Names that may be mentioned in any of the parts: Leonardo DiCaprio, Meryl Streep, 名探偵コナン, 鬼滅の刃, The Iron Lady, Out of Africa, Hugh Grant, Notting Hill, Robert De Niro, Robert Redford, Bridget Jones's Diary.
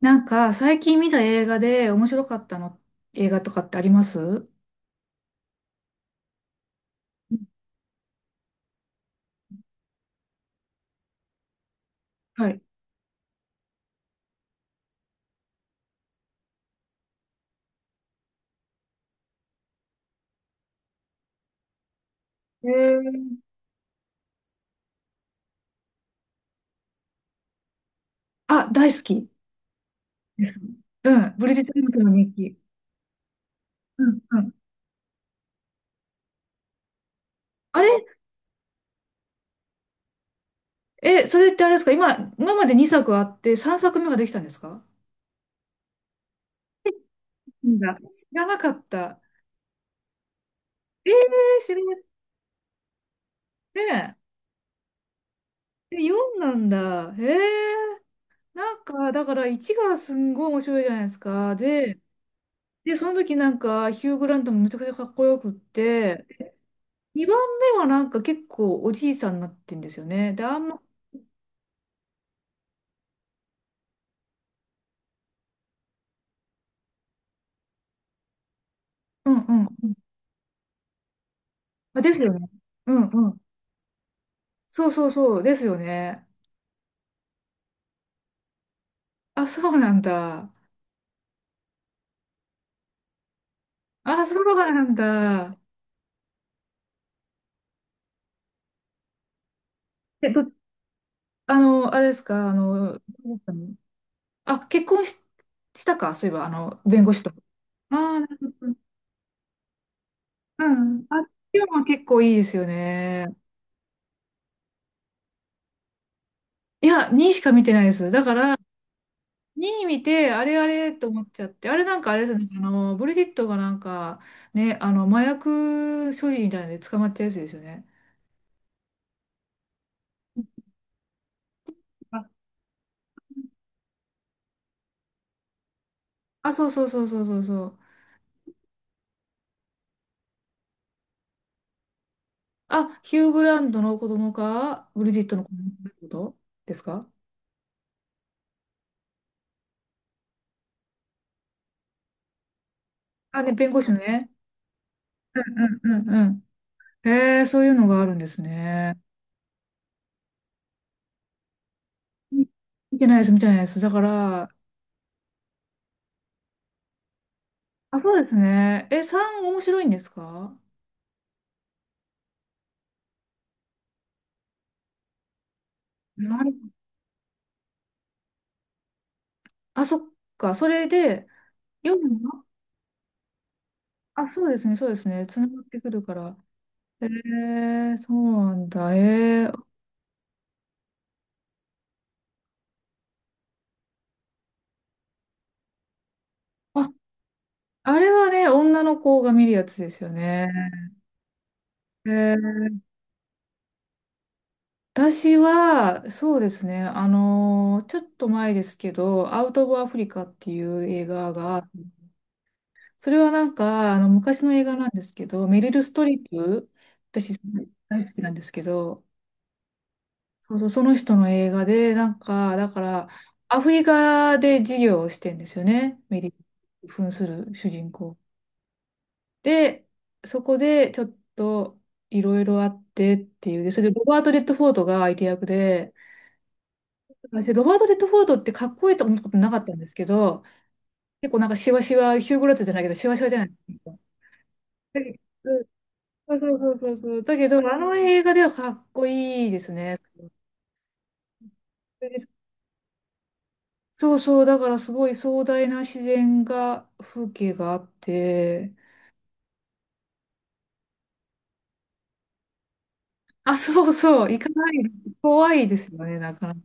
なんか、最近見た映画で面白かったの、映画とかってあります？うん。はい。あ、大好きです。うん、ブリジット・ジョーンズの日記。うんうん。あれ、え、それってあれですか？今まで2作あって3作目ができたんですか？なんだ。知らなかった。知らな、ねえ、え、4なんだ。へえ、なんか、だから1がすんごい面白いじゃないですか。で、その時なんか、ヒュー・グラントもめちゃくちゃかっこよくって、2番目はなんか結構おじいさんになってんですよね。で、あんま、うんうんうん。あ、ですよね。うんうん。そうそうそう、ですよね。あ、そうなんだ。あ、そうなんだ。え、ど、あれですか、あ、結婚し、したか、そういえば、弁護士と。ああ、なるほど。うん。あ、今日も結構いいですよね。いや、2しか見てないです。だから、2位見て、あれあれと思っちゃって、あれなんかあれですね、ブリジットがなんか、ね、麻薬所持みたいなので捕まったやつですよね。ああ、そうそうそうそうそうそう。あ、ヒュー・グラントの子供か、ブリジットの子供ってことですか？あ、ね、弁護士のね。うんうんうんうん。へえ、そういうのがあるんですね。うん、見てないです、見てないです。だから、あ、そうですね。え、3面白いんですか？なるあ、そっか。それで、4、あ、そうですね、そうですね。つながってくるから。そうなんだ。あ、あれはね、女の子が見るやつですよね。えー、私は、そうですね、ちょっと前ですけど、アウト・オブ・アフリカっていう映画が、それはなんか、昔の映画なんですけど、メリル・ストリップ、私大好きなんですけど、そうそう、その人の映画で、なんか、だから、アフリカで事業をしてんですよね。メディア扮する主人公。で、そこでちょっといろいろあってっていう。で、それでロバート・レッドフォードが相手役で、私、ロバート・レッドフォードってかっこいいと思ったことなかったんですけど、結構なんかシワシワ、ヒュー・グラッツじゃないけど、シワシワじゃないですか。だけどそうそうそうそうそう。だけど、あの映画ではかっこいいですね。そうそう、だからすごい壮大な自然が、風景があって、あ、そうそう、行かない、怖いですよね、なかなか。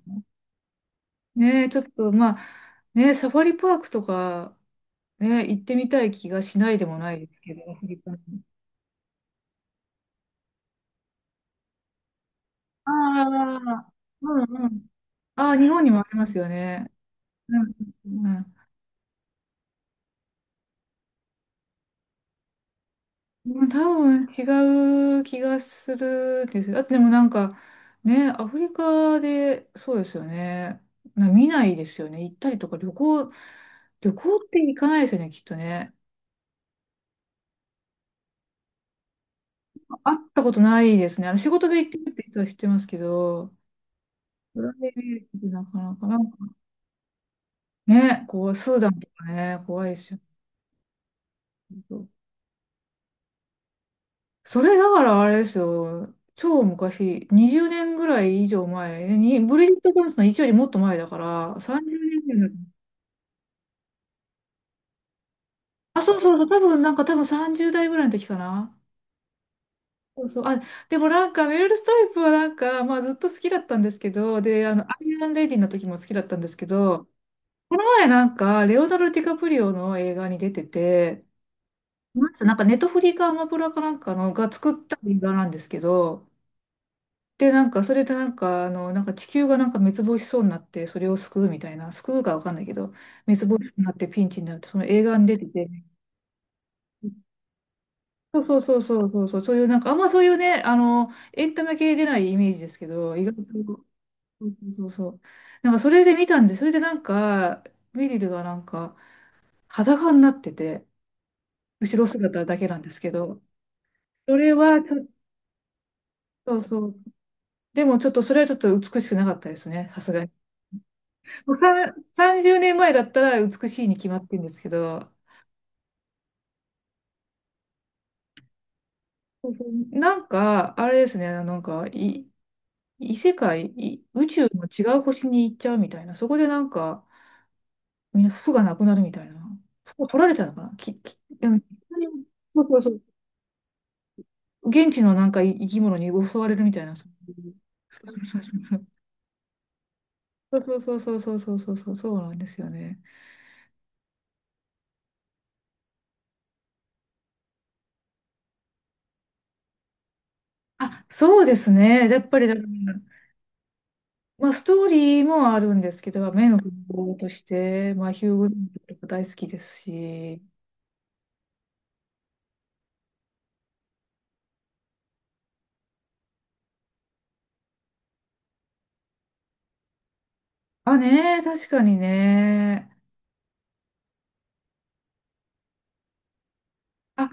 ねえ、ちょっと、まあ、ね、サファリパークとか、ね、行ってみたい気がしないでもないですけど、アフリカに。ああ、うんうん。ああ、日本にもありますよね。うん、うん、まあ、多分違う気がするんですよ。あとでもなんかね、アフリカでそうですよね。見ないですよね。行ったりとか旅行って行かないですよね、きっとね。会ったことないですね。あの仕事で行ってるって人は知ってますけど、プライベートでなかなかなんかね、こう、スーダンとかね、怖いですよね。それだからあれですよ。超昔、20年ぐらい以上前、ね、にブリジット・ジョーンズの1よりもっと前だから、30年ぐらい。あ、そうそうそう、多分なんか多分30代ぐらいの時かな。そうそう。あ、でもなんかメルル・ストリップはなんか、まあずっと好きだったんですけど、で、アイアンレディの時も好きだったんですけど、この前なんか、レオナルド・ディカプリオの映画に出てて、なんつうなんかネットフリかアマプラかなんかのが作った映画なんですけど、で、なんかそれでなんか、なんか地球がなんか滅亡しそうになって、それを救うみたいな、救うかわかんないけど、滅亡しそうになってピンチになるって、その映画に出てて、そうそうそうそうそうそう、そういうなんかあんまそういうね、エンタメ系出ないイメージですけど、意外と、そうそうそうそう。なんかそれで見たんで、それでなんか、メリルがなんか裸になってて、後ろ姿だけなんですけど、それはちょっとそう、でもちょっとそれはちょっと美しくなかったですね、さすがに。もう30年前だったら美しいに決まってるんですけど、そうそうなんか、あれですね、なんか、異世界、宇宙の違う星に行っちゃうみたいな、そこでなんか、みんな服がなくなるみたいな。服を取られちゃうのかなでも、そうそうそう。現地のなんか生き物に襲われるみたいな。そういうそうそうそう。そうそうそうそうそうそうそうそうなんですよね。あ、そうですね。やっぱりだから、まあ、ストーリーもあるんですけど、目の不幸として、まあ、ヒュー・グリントとか大好きですし。あ、ねえ、確かにね。あ、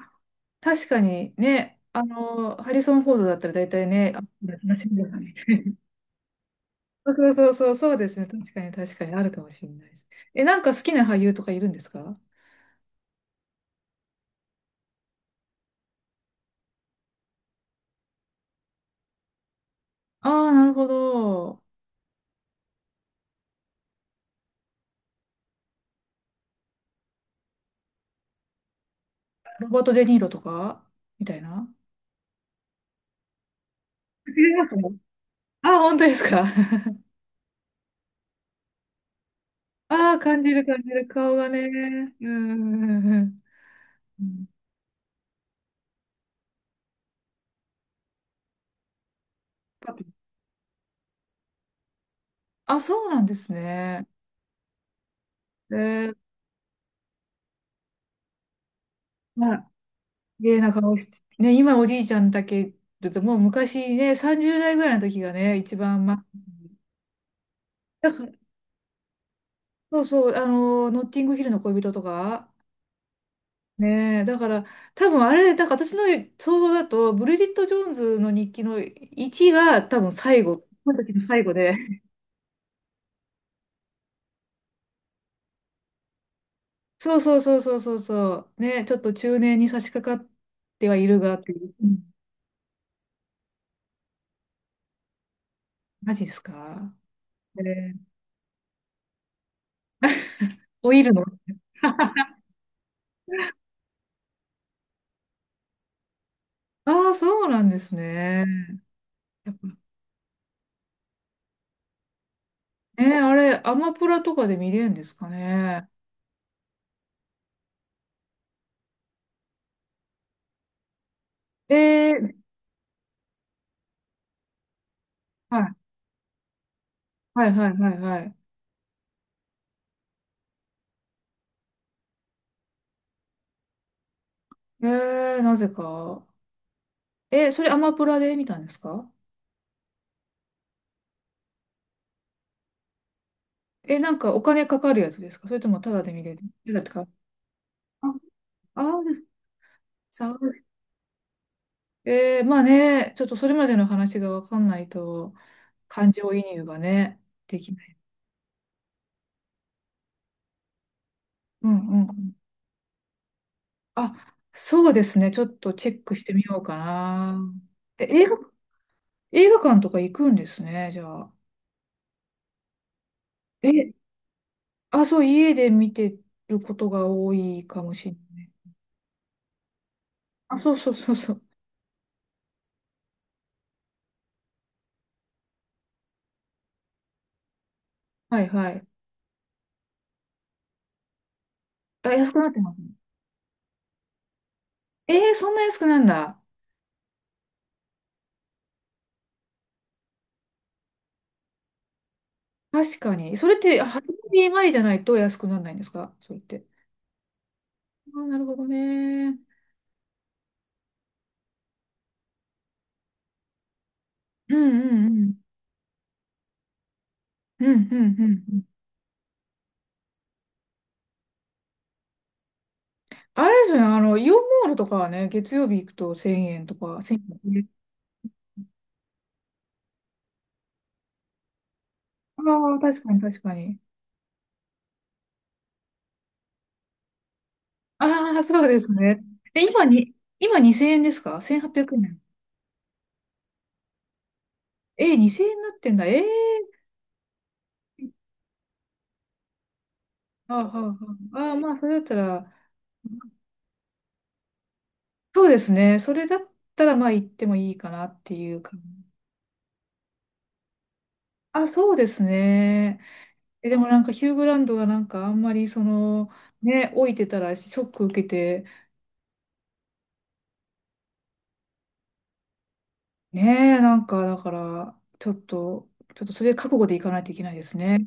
確かにね。ハリソン・フォードだったら大体ね、あ、話だよね。そうそうそう、そうですね。確かに確かにあるかもしれないです。え、なんか好きな俳優とかいるんですか？ああー、なるほど。ロバート・デ・ニーロとかみたいな。いますね。ああ、本当ですか？あ、 あー、感じる感じる。顔がね。うんうんうんうん。うん、あ、そうなんですね。えー、まあ、綺麗な顔して。ね、今おじいちゃんだけだと、もう昔ね、30代ぐらいの時がね、一番、ま、だからそうそう、ノッティングヒルの恋人とか、ねえ、だから、多分あれ、なんか私の想像だと、ブリジット・ジョーンズの日記の1が多分最後、この時の最後で。そうそうそうそうそうそう。ね、ちょっと中年に差し掛かってはいるがっていう。うん、マジっすか？えー、老いるの。 ああー、そうなんですね。やっぱね、あれ、アマプラとかで見れるんですかね。えー、はい、はいはいはいはい。なぜか。それアマプラで見たんですか？え、なんかお金かかるやつですか？それともタダで見れる？タダってか。あ、あー、サウス、まあね、ちょっとそれまでの話がわかんないと、感情移入がね、できない。うんうん。あ、そうですね。ちょっとチェックしてみようかな。え、映画館とか行くんですね、じゃあ。え、あ、そう、家で見てることが多いかもしれない。あ、そうそうそうそう。はいはい。あ、安くなってますね。そんな安くなんだ。確かに。それって、初耳前じゃないと安くならないんですか？それって。あー、なるほどね。うんうんうん。うんうんうんうん。あれですよね、イオンモールとかはね、月曜日行くと1000円とか、1000円。ああ、確かに確かに。ああ、そうですね。え、今2000円ですか？ 1800 円。2000円になってんだ。ええー。あーはーはーあー、まあ、それだったら、そうですね。それだったら、まあ、行ってもいいかなっていう感じ。あ、そうですね。え、でもなんかヒュー・グランドがなんかあんまりその、ね、老いてたらショック受けて、ねえ、なんかだから、ちょっと、それ覚悟でいかないといけないですね。